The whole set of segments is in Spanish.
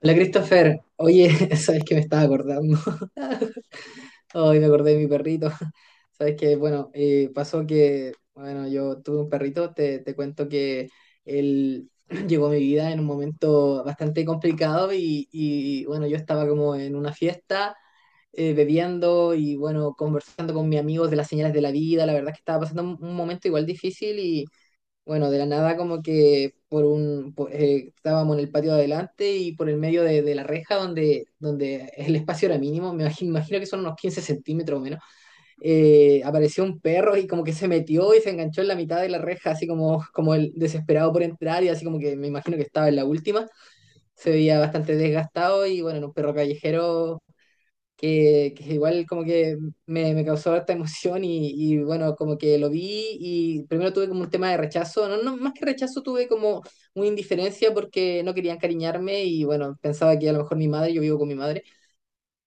Hola Christopher, oye, sabes que me estaba acordando. Hoy me acordé de mi perrito. Sabes que, bueno, pasó que, bueno, yo tuve un perrito, te cuento que él llegó a mi vida en un momento bastante complicado, bueno, yo estaba como en una fiesta, bebiendo y, bueno, conversando con mis amigos de las señales de la vida. La verdad es que estaba pasando un momento igual difícil. Bueno, de la nada, como que por estábamos en el patio de adelante, y por el medio de la reja, donde, el espacio era mínimo, me imagino, que son unos 15 centímetros o menos. Eh, apareció un perro y como que se metió y se enganchó en la mitad de la reja, así como el desesperado por entrar, y así como que me imagino que estaba en la última. Se veía bastante desgastado y, bueno, era un perro callejero que igual como que me causó harta emoción. Y bueno, como que lo vi, y primero tuve como un tema de rechazo. No, no, más que rechazo tuve como una indiferencia, porque no quería encariñarme. Y bueno, pensaba que a lo mejor mi madre... Yo vivo con mi madre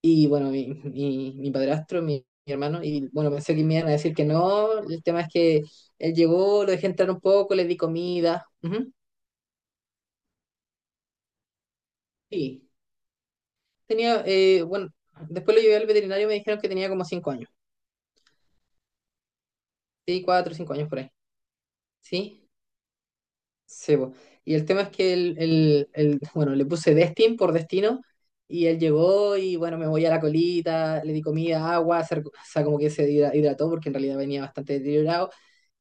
y bueno, mi padrastro, mi hermano, y bueno, pensé que me iban a decir que no. El tema es que él llegó, lo dejé entrar un poco, le di comida. Ujú. Sí, tenía, bueno, después lo llevé al veterinario y me dijeron que tenía como 5 años. Sí, 4 o 5 años por ahí. Sí. Sí, po. Y el tema es que bueno, le puse Destin por destino, y él llegó y bueno, me voy a la colita, le di comida, agua, o sea, como que hidrató porque en realidad venía bastante deteriorado.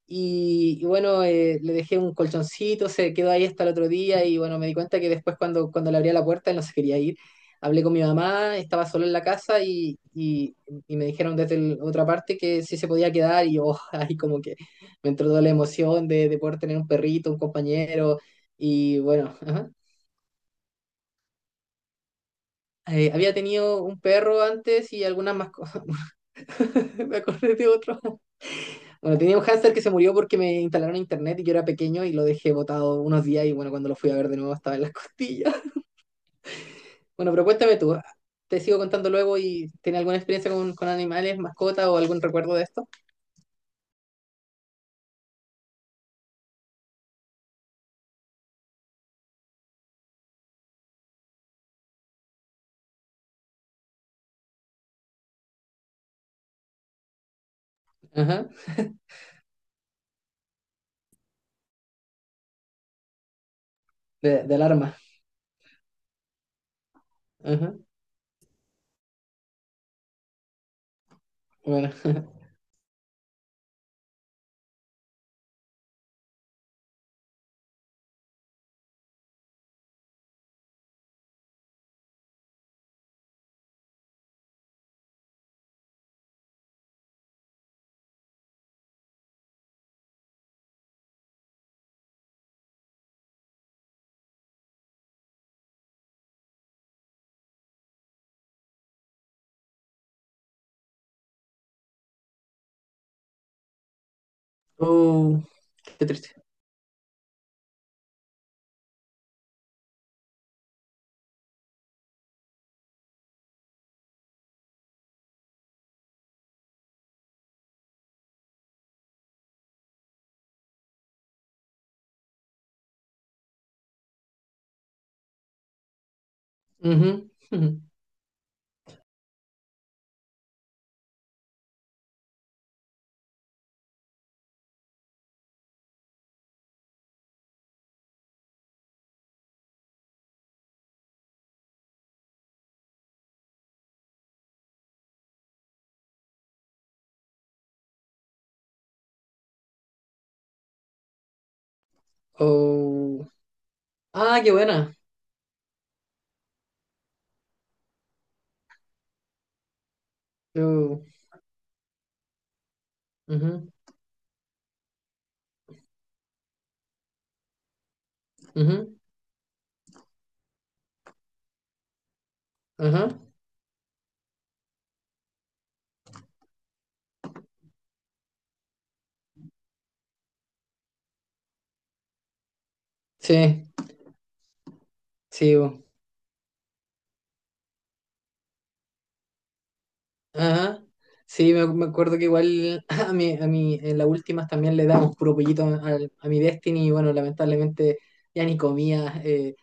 Y bueno, le dejé un colchoncito, se quedó ahí hasta el otro día, y bueno, me di cuenta que después cuando, le abría la puerta, él no se quería ir. Hablé con mi mamá. Estaba solo en la casa, y me dijeron desde otra parte que sí se podía quedar, y yo ahí como que me entró toda la emoción de poder tener un perrito, un compañero. Y bueno, ajá. Había tenido un perro antes y algunas más cosas. Me acordé de otro. Bueno, tenía un hámster que se murió porque me instalaron internet y yo era pequeño, y lo dejé botado unos días. Y bueno, cuando lo fui a ver de nuevo estaba en las costillas. Bueno, pero cuéntame tú, te sigo contando luego, y ¿tienes alguna experiencia con animales, mascotas o algún recuerdo de esto? Ajá, de alarma. Ajá, bueno. Oh, qué triste. Ujú, ujú. Oh, ah, qué buena. Oh, ujú, ujú, ajá. Sí, sí. Ajá. Sí, me acuerdo que igual a mi, en las últimas también le damos puro pollito a mi Destiny. Y bueno, lamentablemente ya ni comía.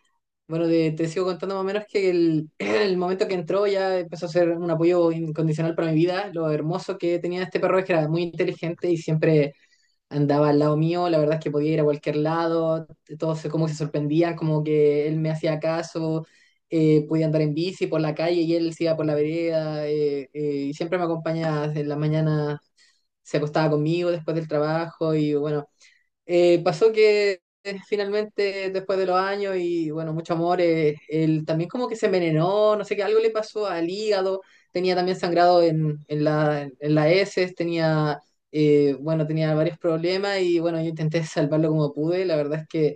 Bueno, te sigo contando más o menos que el, el momento que entró ya empezó a ser un apoyo incondicional para mi vida. Lo hermoso que tenía este perro es que era muy inteligente, y siempre andaba al lado mío. La verdad es que podía ir a cualquier lado, todos como que se sorprendían, como que él me hacía caso. Eh, podía andar en bici por la calle y él se iba por la vereda. Y siempre me acompañaba en la mañana, se acostaba conmigo después del trabajo. Y bueno, pasó que finalmente, después de los años, y bueno, mucho amor, él también como que se envenenó. No sé qué, algo le pasó al hígado. Tenía también sangrado en la heces, tenía, bueno, tenía varios problemas. Y bueno, yo intenté salvarlo como pude. La verdad es que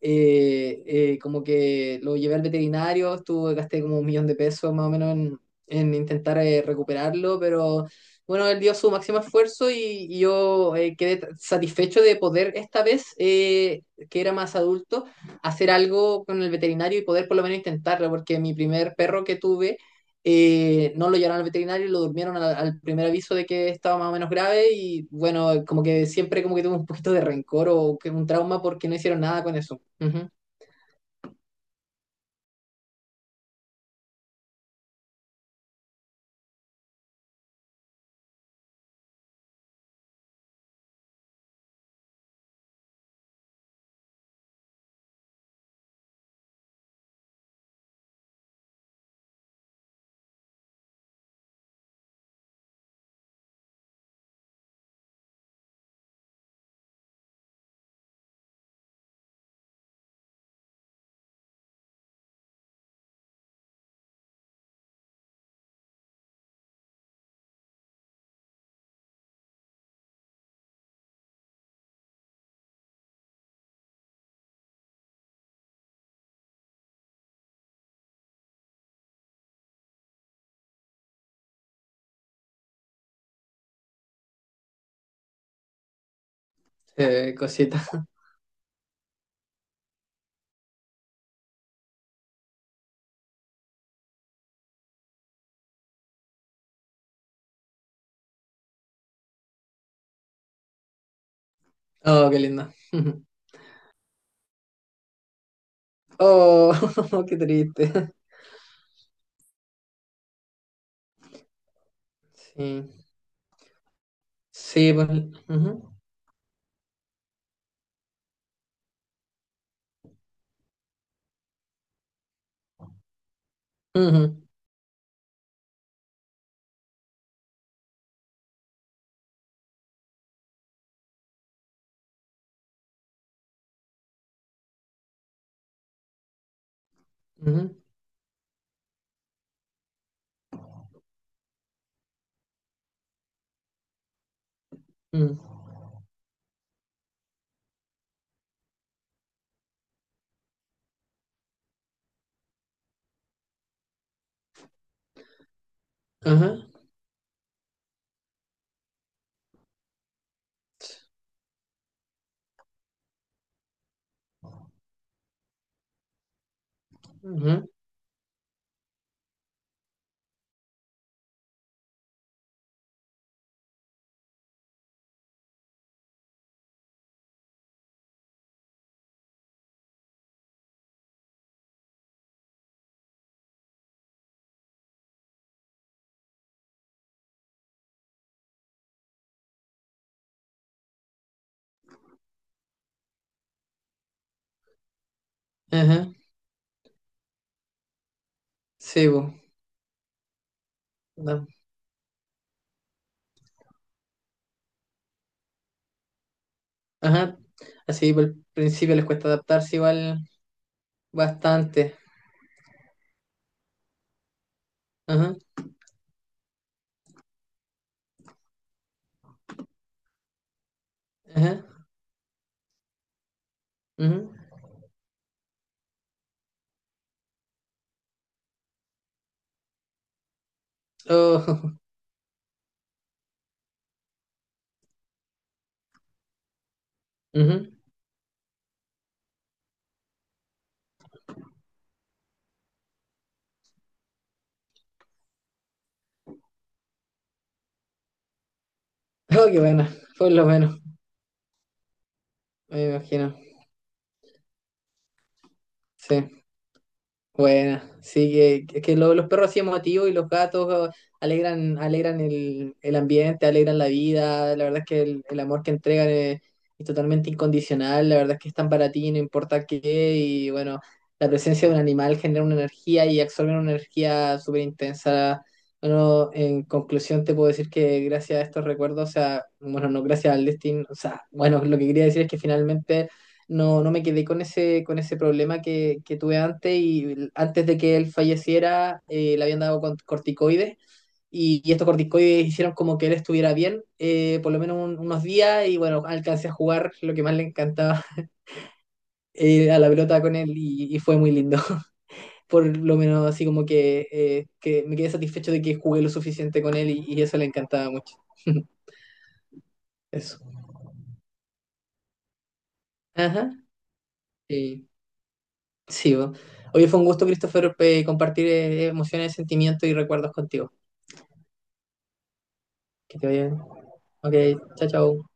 como que lo llevé al veterinario, estuve, gasté como 1.000.000 de pesos más o menos en, intentar recuperarlo. Pero bueno, él dio su máximo esfuerzo. Y yo quedé satisfecho de poder esta vez, que era más adulto, hacer algo con el veterinario y poder por lo menos intentarlo, porque mi primer perro que tuve... no lo llevaron al veterinario, lo durmieron al primer aviso de que estaba más o menos grave. Y bueno, como que siempre como que tuve un poquito de rencor, o que un trauma, porque no hicieron nada con eso. Ujú. Cosita. Oh, qué lindo. Ujú. Oh, qué triste. Sí. Sí, pues. Ujú, ujú, ujú, ujú. Ajá. Ujú, ajá. Sí, pues. da- Ajá. Así por el principio les cuesta adaptarse igual bastante. Ajá. Ajá. Ujú. Oh, ujú. Oh, qué bueno. Por lo menos. Me imagino. Sí. Bueno, sí, que, es que los perros así emotivos y los gatos alegran, alegran el ambiente, alegran la vida. La verdad es que el amor que entregan es totalmente incondicional. La verdad es que están para ti, no importa qué. Y bueno, la presencia de un animal genera una energía, y absorben una energía súper intensa. Bueno, en conclusión te puedo decir que gracias a estos recuerdos, o sea, bueno, no, gracias al destino, o sea, bueno, lo que quería decir es que finalmente no, no me quedé con ese problema que tuve antes, y antes de que él falleciera, le habían dado corticoides. Y estos corticoides hicieron como que él estuviera bien, por lo menos unos días. Y bueno, alcancé a jugar lo que más le encantaba a la pelota con él. Y fue muy lindo. Por lo menos así como que me quedé satisfecho de que jugué lo suficiente con él, y eso le encantaba mucho. Eso. Ajá. Sí. Sí, bo. Oye, fue un gusto, Christopher, compartir emociones, sentimientos y recuerdos contigo. Que te vaya bien. Ok, chao, chao.